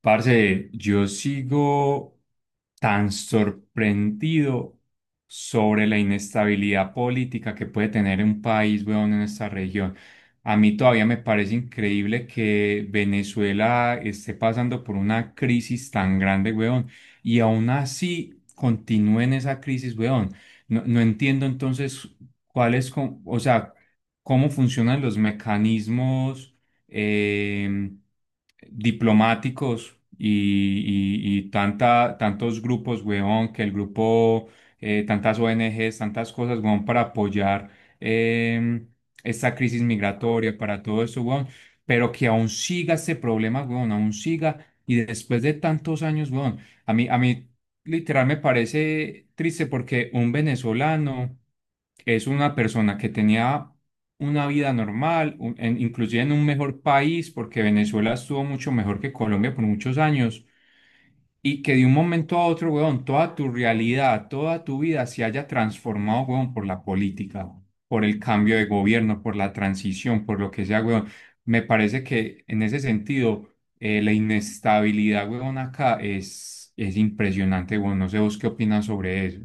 Parce, yo sigo tan sorprendido sobre la inestabilidad política que puede tener un país, weón, en esta región. A mí todavía me parece increíble que Venezuela esté pasando por una crisis tan grande, weón, y aún así continúe en esa crisis, weón. No entiendo entonces cuál es, o sea, cómo funcionan los mecanismos eh, diplomáticos y tantos grupos, weón, que el grupo, tantas ONGs, tantas cosas, weón, para apoyar eh, esta crisis migratoria, para todo eso, weón, pero que aún siga este problema, weón, aún siga, y después de tantos años, weón, a mí literal me parece triste porque un venezolano es una persona que tenía una vida normal, inclusive en un mejor país, porque Venezuela estuvo mucho mejor que Colombia por muchos años, y que de un momento a otro, weón, toda tu realidad, toda tu vida se haya transformado, weón, por la política, por el cambio de gobierno, por la transición, por lo que sea, weón. Me parece que en ese sentido, la inestabilidad, weón, acá es impresionante, weón. No sé vos qué opinas sobre eso.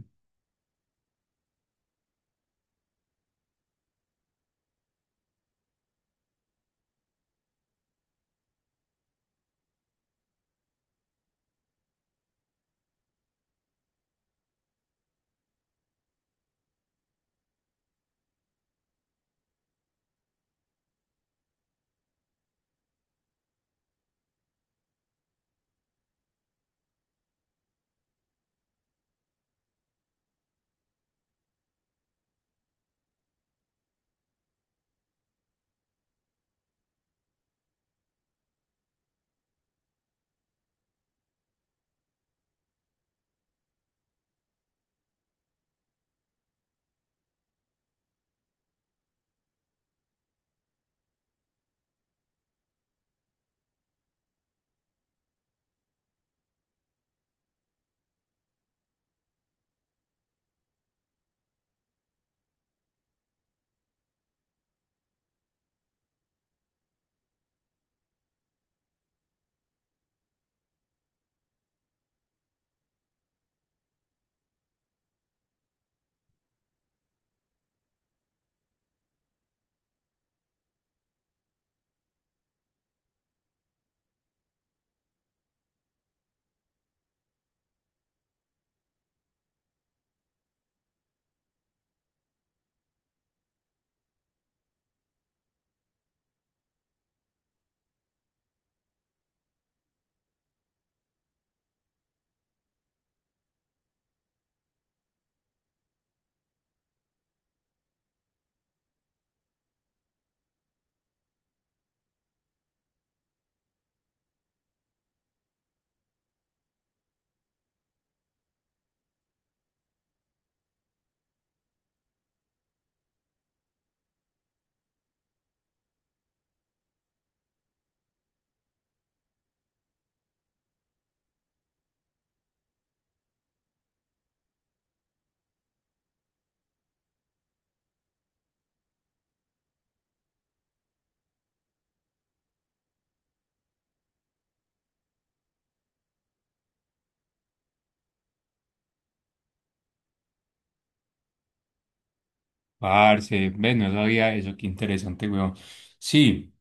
Parce, ve, no sabía eso, qué interesante, weón. Sí.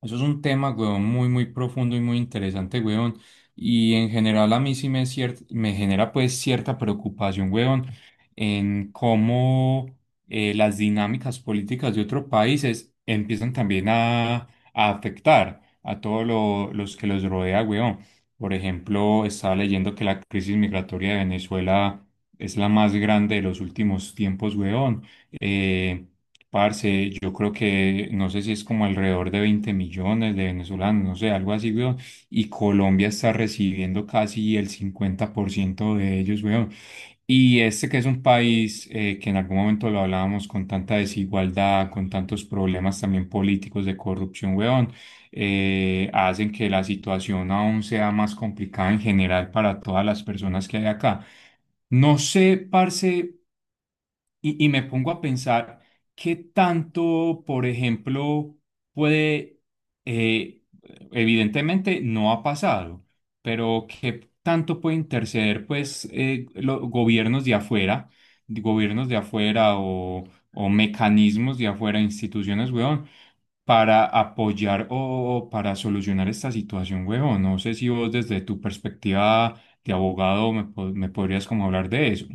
Eso es un tema, weón, muy profundo y muy interesante, weón. Y en general a mí sí me, me genera pues cierta preocupación, weón, en cómo las dinámicas políticas de otros países empiezan también a afectar a todos los que los rodea, weón. Por ejemplo, estaba leyendo que la crisis migratoria de Venezuela es la más grande de los últimos tiempos, weón. Eh, Parce, yo creo que no sé si es como alrededor de 20 millones de venezolanos, no sé, algo así, weón. Y Colombia está recibiendo casi el 50% de ellos, weón. Y este que es un país que en algún momento lo hablábamos con tanta desigualdad, con tantos problemas también políticos de corrupción, weón, hacen que la situación aún sea más complicada en general para todas las personas que hay acá. No sé, parce. Y me pongo a pensar qué tanto, por ejemplo, puede, eh, evidentemente no ha pasado, pero qué tanto puede interceder, pues, los gobiernos de afuera, de gobiernos de afuera o mecanismos de afuera, instituciones, weón, para apoyar o para solucionar esta situación, weón. No sé si vos desde tu perspectiva de abogado me, me podrías como hablar de eso.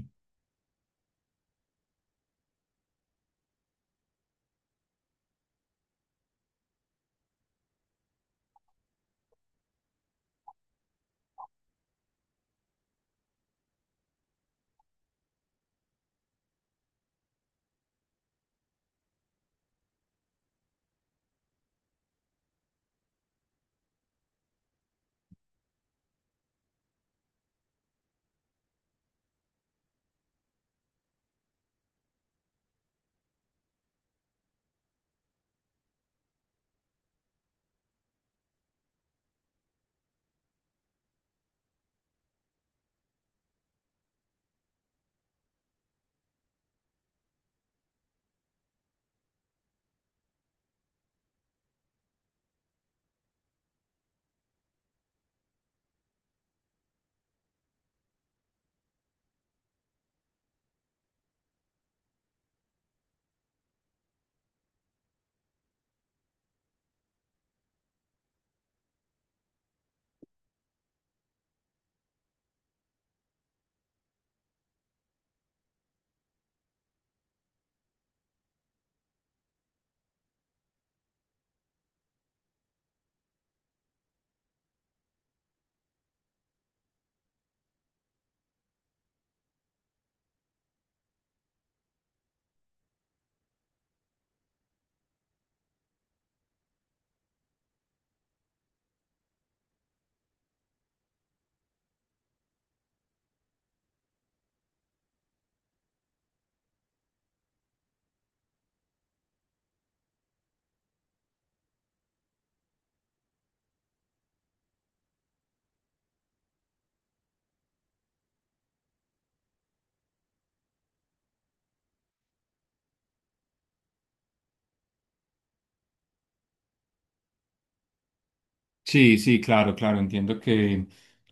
Sí, sí, claro, claro, entiendo que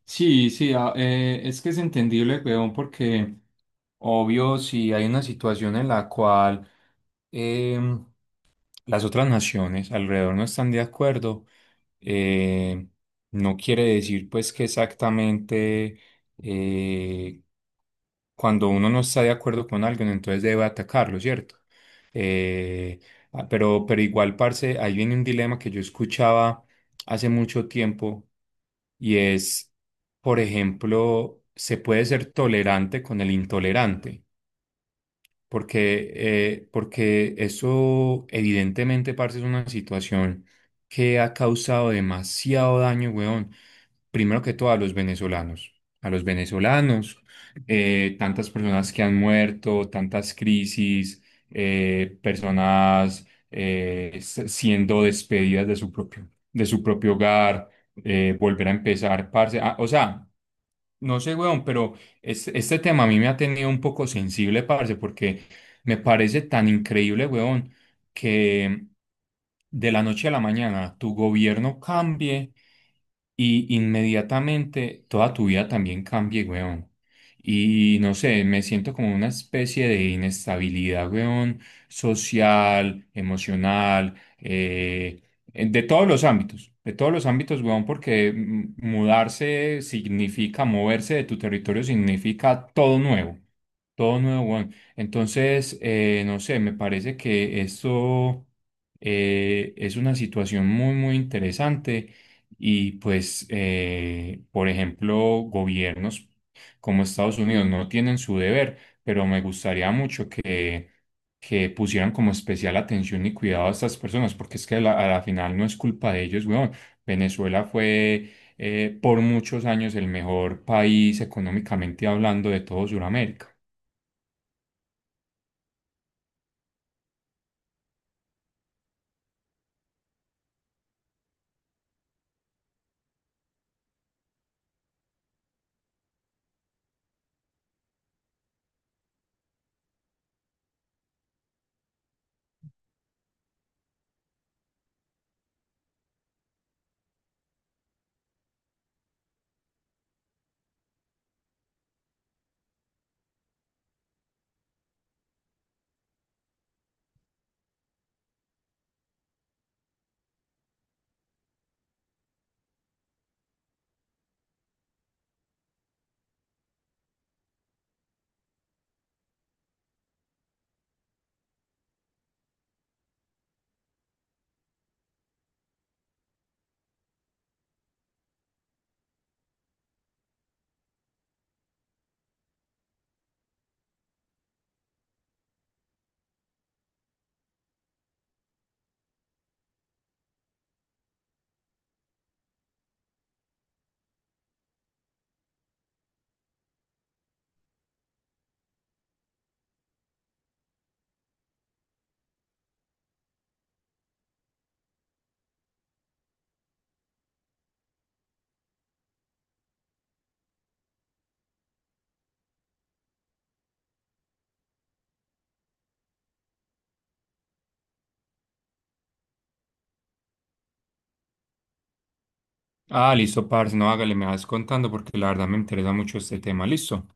sí, sí, es que es entendible, weón, porque obvio, si hay una situación en la cual em, las otras naciones alrededor no están de acuerdo, eh, no quiere decir pues que exactamente eh, cuando uno no está de acuerdo con alguien, entonces debe atacarlo, ¿cierto? Eh, pero igual, parce, ahí viene un dilema que yo escuchaba hace mucho tiempo y es, por ejemplo, se puede ser tolerante con el intolerante, porque, porque eso evidentemente, parce, es una situación que ha causado demasiado daño, weón, primero que todo a los venezolanos, a los venezolanos, tantas personas que han muerto, tantas crisis, personas siendo despedidas de su propio hogar, volver a empezar, parce. Ah, o sea, no sé, weón, pero este tema a mí me ha tenido un poco sensible, parce, porque me parece tan increíble, weón, que de la noche a la mañana tu gobierno cambie y inmediatamente toda tu vida también cambie, weón. Y no sé, me siento como una especie de inestabilidad, weón, social, emocional, de todos los ámbitos, de todos los ámbitos, weón, porque mudarse significa, moverse de tu territorio significa todo nuevo. Todo nuevo, weón. Entonces, no sé, me parece que esto es una situación muy interesante y pues, por ejemplo, gobiernos como Estados Unidos no tienen su deber, pero me gustaría mucho que pusieran como especial atención y cuidado a estas personas, porque es que a a la final no es culpa de ellos, weón. Venezuela fue por muchos años el mejor país económicamente hablando de todo Sudamérica. Ah, listo, parce, no hágale, me vas contando porque la verdad me interesa mucho este tema, listo.